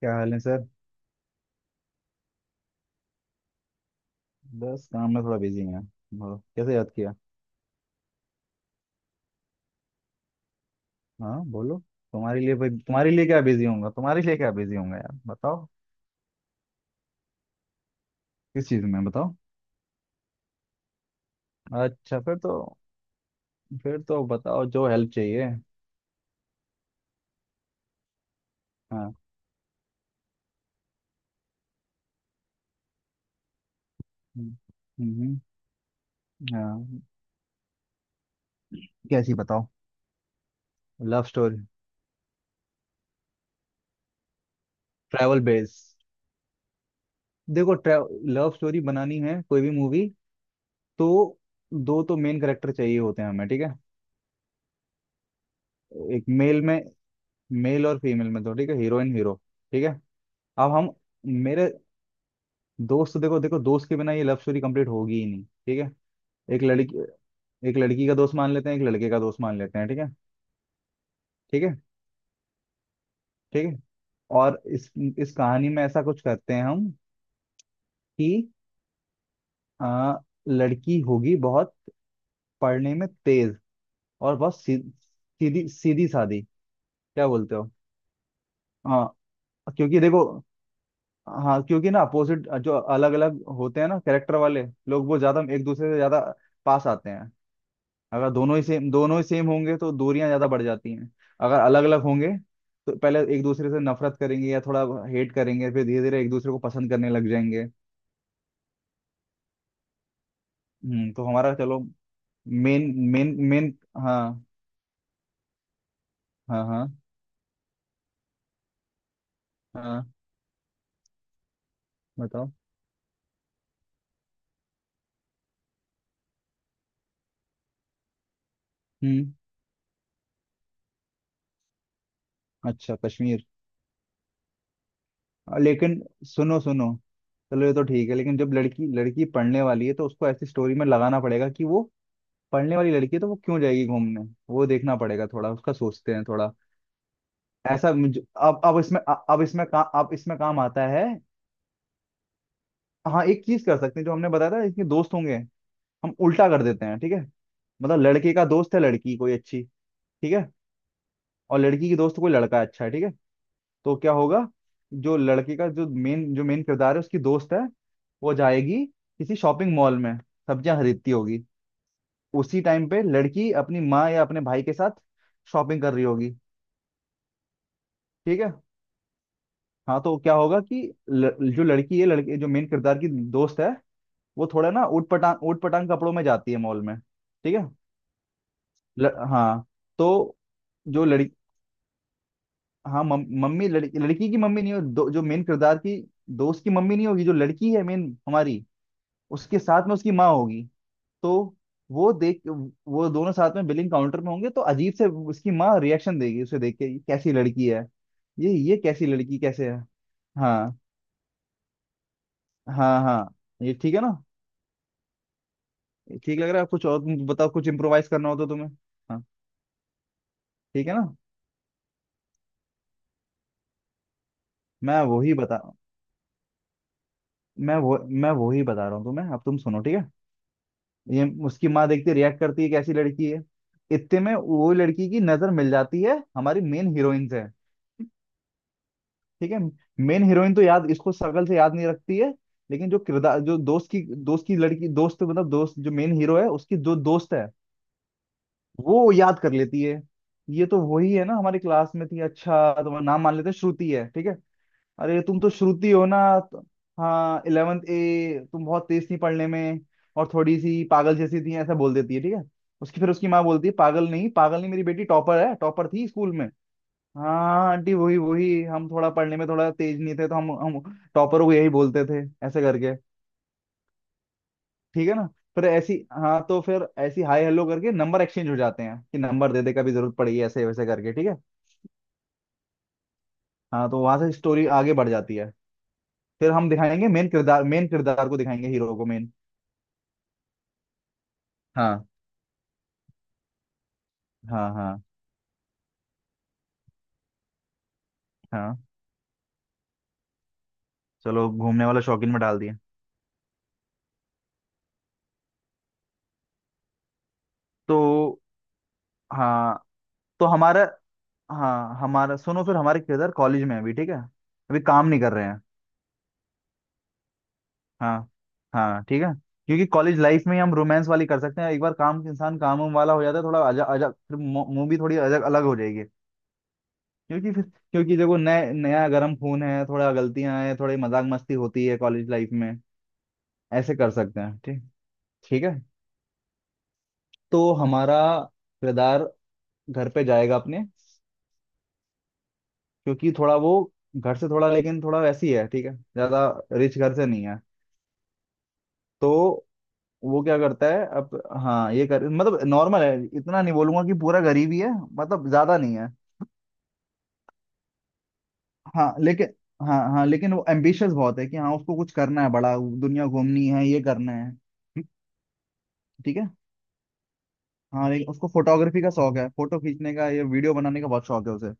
क्या हाल है सर। बस काम में थोड़ा बिजी हैं। बोलो, कैसे याद किया। हाँ, बोलो। तुम्हारे लिए भाई, तुम्हारे लिए क्या बिजी होऊंगा, तुम्हारे लिए क्या बिजी होऊंगा यार, बताओ। किस चीज़ में बताओ। अच्छा, फिर तो बताओ जो हेल्प चाहिए। हाँ। हम्म। हम्म। हाँ। कैसी बताओ। Love story. Travel base. देखो, लव स्टोरी बनानी है कोई भी मूवी। तो दो तो मेन कैरेक्टर चाहिए होते हैं हमें, ठीक है। एक मेल में मेल और फीमेल में दो, ठीक है, हीरोइन हीरो। ठीक है। अब हम मेरे दोस्त तो देखो देखो, दोस्त के बिना ये लव स्टोरी कंप्लीट होगी ही नहीं, ठीक है। एक लड़की एक लड़की का दोस्त मान लेते हैं, एक लड़के का दोस्त मान लेते हैं, ठीक है। ठीक है। ठीक है। और इस कहानी में ऐसा कुछ करते हैं हम कि आ, लड़की होगी बहुत पढ़ने में तेज। और बहुत सीधी सीधी सादी। क्या बोलते हो। हाँ। क्योंकि देखो, हाँ, क्योंकि ना अपोजिट जो अलग अलग होते हैं ना कैरेक्टर वाले लोग, वो ज्यादा एक दूसरे से ज्यादा पास आते हैं। अगर दोनों ही सेम, दोनों ही सेम होंगे तो दूरियां ज्यादा बढ़ जाती हैं। अगर अलग अलग होंगे तो पहले एक दूसरे से नफरत करेंगे या थोड़ा हेट करेंगे, फिर धीरे धीरे एक दूसरे को पसंद करने लग जाएंगे। तो हमारा, चलो, मेन मेन मेन। हाँ। हाँ। हाँ। हाँ, बताओ। हम्म। अच्छा, कश्मीर। लेकिन सुनो सुनो। चलो, ये तो ठीक है, लेकिन जब लड़की लड़की पढ़ने वाली है तो उसको ऐसी स्टोरी में लगाना पड़ेगा कि वो पढ़ने वाली लड़की है तो वो क्यों जाएगी घूमने। वो देखना पड़ेगा थोड़ा, उसका सोचते हैं थोड़ा। अब इसमें, अब इसमें काम आता है। हाँ, एक चीज कर सकते हैं, जो हमने बताया था इसके दोस्त होंगे। हम उल्टा कर देते हैं, ठीक है। मतलब लड़के का दोस्त है लड़की कोई अच्छी, ठीक है। और लड़की की दोस्त कोई लड़का अच्छा है, ठीक है। तो क्या होगा, जो लड़के का जो मेन किरदार है उसकी दोस्त है। वो जाएगी किसी शॉपिंग मॉल में, सब्जियां खरीदती होगी। उसी टाइम पे लड़की अपनी माँ या अपने भाई के साथ शॉपिंग कर रही होगी। ठीक है। हाँ, तो क्या होगा कि जो लड़की है लड़के जो मेन किरदार की दोस्त है, वो थोड़ा ना ऊट पटांग कपड़ों में जाती है मॉल में, ठीक है। हाँ। तो जो लड़की हाँ, मम्मी, लड़की लड़की की मम्मी नहीं जो मेन किरदार की दोस्त की मम्मी नहीं होगी, जो लड़की है मेन हमारी, उसके साथ में उसकी माँ होगी। तो वो दोनों साथ में बिलिंग काउंटर में होंगे तो अजीब से उसकी माँ रिएक्शन देगी, उसे देख के, ये कैसी लड़की है। ये कैसी लड़की कैसे है। हाँ। हाँ। हाँ। ये ठीक है ना। ये ठीक लग रहा है, कुछ और तुम बताओ, कुछ इम्प्रोवाइज करना हो तो तुम्हें। हाँ। ठीक है ना। मैं वही बता मैं वही बता रहा हूँ तुम्हें, अब तुम सुनो, ठीक है। ये उसकी माँ देखती, रिएक्ट करती है, कैसी लड़की है। इतने में वो लड़की की नजर मिल जाती है हमारी मेन हीरोइन से। ठीक है। मेन हीरोइन तो याद इसको शक्ल से याद नहीं रखती है। लेकिन जो किरदार जो दोस्त की लड़की दोस्त, मतलब दोस्त, जो मेन हीरो है उसकी जो दोस्त है, वो याद कर लेती है। ये तो वही है ना, हमारी क्लास में थी, अच्छा तुम्हारा नाम मान लेते हैं श्रुति है, ठीक है। अरे, तुम तो श्रुति हो ना, हाँ, 11th A, तुम बहुत तेज थी पढ़ने में। और थोड़ी सी पागल जैसी थी, ऐसा बोल देती है, ठीक है। उसकी माँ बोलती है, पागल नहीं, पागल नहीं, मेरी बेटी टॉपर है, टॉपर थी स्कूल में। हाँ, आंटी वही वही, हम थोड़ा पढ़ने में थोड़ा तेज नहीं थे, तो हम टॉपर को यही बोलते थे, ऐसे करके। ठीक है ना। फिर ऐसी हाँ, तो फिर ऐसी हाय हेलो करके नंबर एक्सचेंज हो जाते हैं कि नंबर दे दे, कभी जरूरत पड़ी, ऐसे वैसे करके, ठीक है। हाँ, तो वहां से स्टोरी आगे बढ़ जाती है। फिर हम दिखाएंगे मेन किरदार को दिखाएंगे, हीरो को, मेन। हाँ। हाँ। हाँ। हाँ। चलो, घूमने वाला शौकीन में डाल दिया। तो हाँ, तो हमारा, हाँ, हमारा सुनो, फिर हमारे किरदार कॉलेज में है अभी, ठीक है। अभी काम नहीं कर रहे हैं। हाँ। हाँ, ठीक है। क्योंकि कॉलेज लाइफ में ही हम रोमांस वाली कर सकते हैं, एक बार काम इंसान, काम वाम वाला हो जाता है थोड़ा अजा अजा, फिर मूवी थोड़ी अलग अलग हो जाएगी। क्योंकि फिर क्योंकि देखो, नए नया गर्म खून है, थोड़ा गलतियां हैं, थोड़ी मजाक मस्ती होती है कॉलेज लाइफ में। ऐसे कर सकते हैं, ठीक। ठीक है। तो हमारा किरदार घर पे जाएगा अपने, क्योंकि थोड़ा वो घर से थोड़ा, लेकिन थोड़ा वैसी है, ठीक है, ज्यादा रिच घर से नहीं है। तो वो क्या करता है अब, हाँ, ये कर मतलब नॉर्मल है। इतना नहीं बोलूंगा कि पूरा गरीब ही है, मतलब ज्यादा नहीं है। हाँ, लेकिन, हाँ, हाँ, लेकिन वो एम्बिशियस बहुत है कि हाँ, उसको कुछ करना है बड़ा, दुनिया घूमनी है, ये करना है। ठीक है। हाँ, लेकिन उसको फोटोग्राफी का शौक है, फोटो खींचने का या वीडियो बनाने का बहुत शौक है उसे,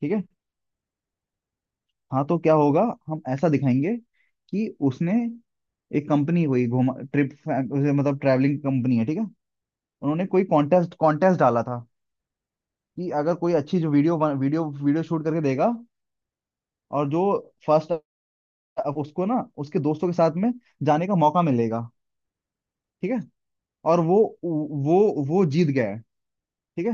ठीक है। हाँ, तो क्या होगा, हम ऐसा दिखाएंगे कि उसने, एक कंपनी हुई घुमा ट्रिप, मतलब ट्रैवलिंग कंपनी है, ठीक है। उन्होंने कोई कॉन्टेस्ट कॉन्टेस्ट डाला था कि अगर कोई अच्छी जो वीडियो वीडियो वीडियो शूट करके देगा और जो फर्स्ट, उसको ना उसके दोस्तों के साथ में जाने का मौका मिलेगा। ठीक है। और वो वो जीत गया है, ठीक है।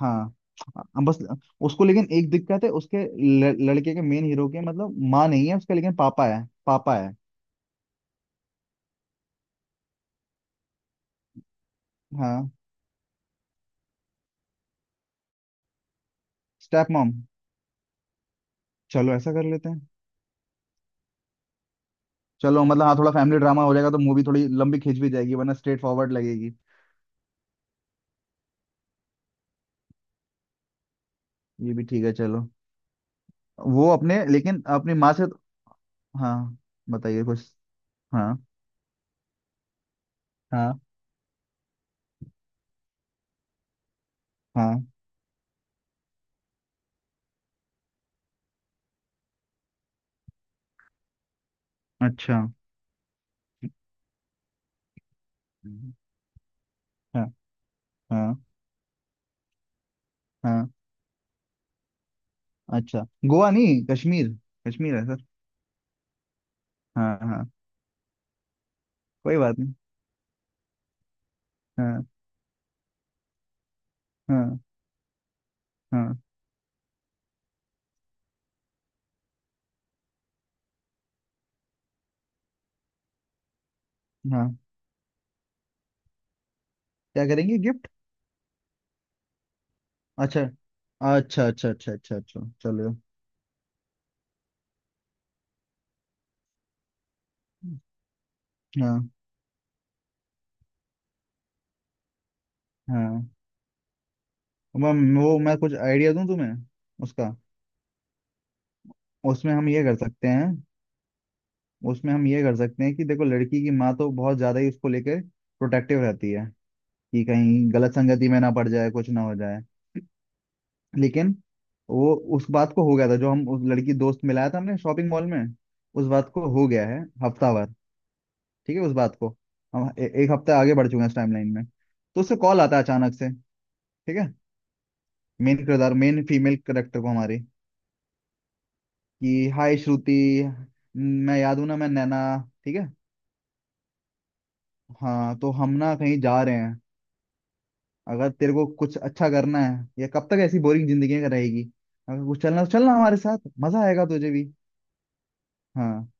हाँ, हाँ, बस। उसको लेकिन एक दिक्कत है उसके, लड़के के मेन हीरो के, मतलब माँ नहीं है उसके, लेकिन पापा है, पापा है। हाँ, स्टेप मॉम, चलो ऐसा कर लेते हैं। चलो, मतलब हाँ थोड़ा फैमिली ड्रामा हो जाएगा, तो मूवी थोड़ी लंबी खिंच भी जाएगी, वरना स्ट्रेट फॉरवर्ड लगेगी। ये भी ठीक है, चलो। वो अपने लेकिन अपनी माँ से, हाँ, बताइए कुछ। हाँ। हाँ। हाँ। अच्छा। हम्म, हाँ। हाँ। हाँ। अच्छा, गोवा नहीं, कश्मीर। कश्मीर है सर। हाँ, हाँ, कोई बात नहीं। हाँ। हाँ। हाँ। हाँ। क्या करेंगे गिफ्ट। अच्छा, अच्छा, अच्छा, अच्छा, अच्छा, अच्छा, चलो। हाँ, हाँ। मैं मैं कुछ आइडिया दूं तुम्हें। उसका, उसमें हम ये कर सकते हैं उसमें हम ये कर सकते हैं कि देखो, लड़की की माँ तो बहुत ज्यादा ही उसको लेके प्रोटेक्टिव रहती है कि कहीं गलत संगति में ना पड़ जाए, कुछ ना हो जाए। लेकिन वो उस बात को हो गया था, जो हम उस लड़की दोस्त मिलाया था हमने शॉपिंग मॉल में, उस बात को हो गया है हफ्ता भर, ठीक है उस बात को। हम एक हफ्ता आगे बढ़ चुके हैं इस टाइमलाइन में, तो उससे कॉल आता है अचानक से, ठीक है। मेन फीमेल करेक्टर को हमारी, कि हाय श्रुति, मैं याद हूं ना, मैं नैना, ठीक है। हाँ, तो हम ना कहीं जा रहे हैं, अगर तेरे को कुछ अच्छा करना है, या कब तक ऐसी बोरिंग जिंदगी में रहेगी, अगर कुछ चलना है तो चलना, हमारे साथ मजा आएगा तुझे भी। हाँ।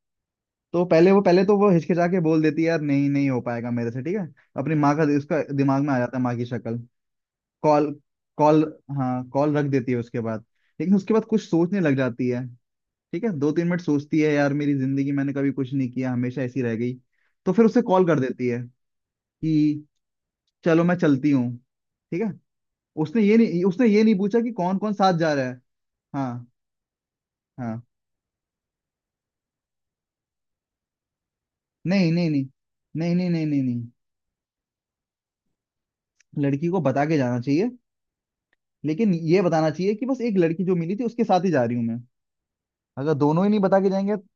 पहले तो वो हिचकिचा के बोल देती है, यार नहीं नहीं हो पाएगा मेरे से, ठीक है। अपनी माँ का, उसका दिमाग में आ जाता है माँ की शक्ल। कॉल कॉल हाँ, कॉल रख देती है उसके बाद। लेकिन उसके बाद कुछ सोचने लग जाती है, ठीक है, 2-3 मिनट सोचती है, यार मेरी जिंदगी मैंने कभी कुछ नहीं किया, हमेशा ऐसी रह गई, तो फिर उसे कॉल कर देती है कि चलो मैं चलती हूँ, ठीक है। उसने ये नहीं पूछा कि कौन कौन साथ जा रहा है। हाँ। हाँ। नहीं, नहीं, नहीं, नहीं, नहीं। नहीं, नहीं, नहीं। लड़की को बता के जाना चाहिए, लेकिन ये बताना चाहिए कि बस एक लड़की जो मिली थी उसके साथ ही जा रही हूँ मैं, अगर दोनों ही नहीं बता के जाएंगे तो।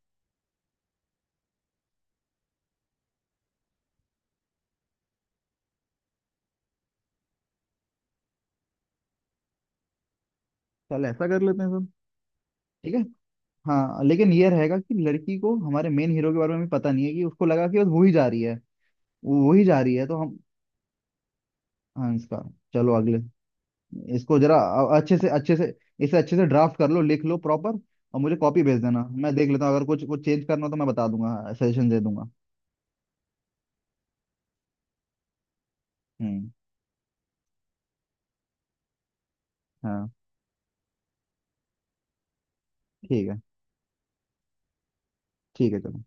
चल, ऐसा कर लेते हैं सब, ठीक है। हाँ, लेकिन ये रहेगा कि लड़की को हमारे मेन हीरो के बारे में भी पता नहीं है, कि उसको लगा कि बस वो ही जा रही है, वो ही जा रही है तो हम, हाँ इसका, चलो अगले, इसको जरा अच्छे से अच्छे से, इसे अच्छे से ड्राफ्ट कर लो, लिख लो प्रॉपर। और मुझे कॉपी भेज देना, मैं देख लेता हूँ, अगर कुछ कुछ चेंज करना हो तो मैं बता दूंगा, सजेशन दे दूंगा। हम्म। हाँ, ठीक है। ठीक है, चलो।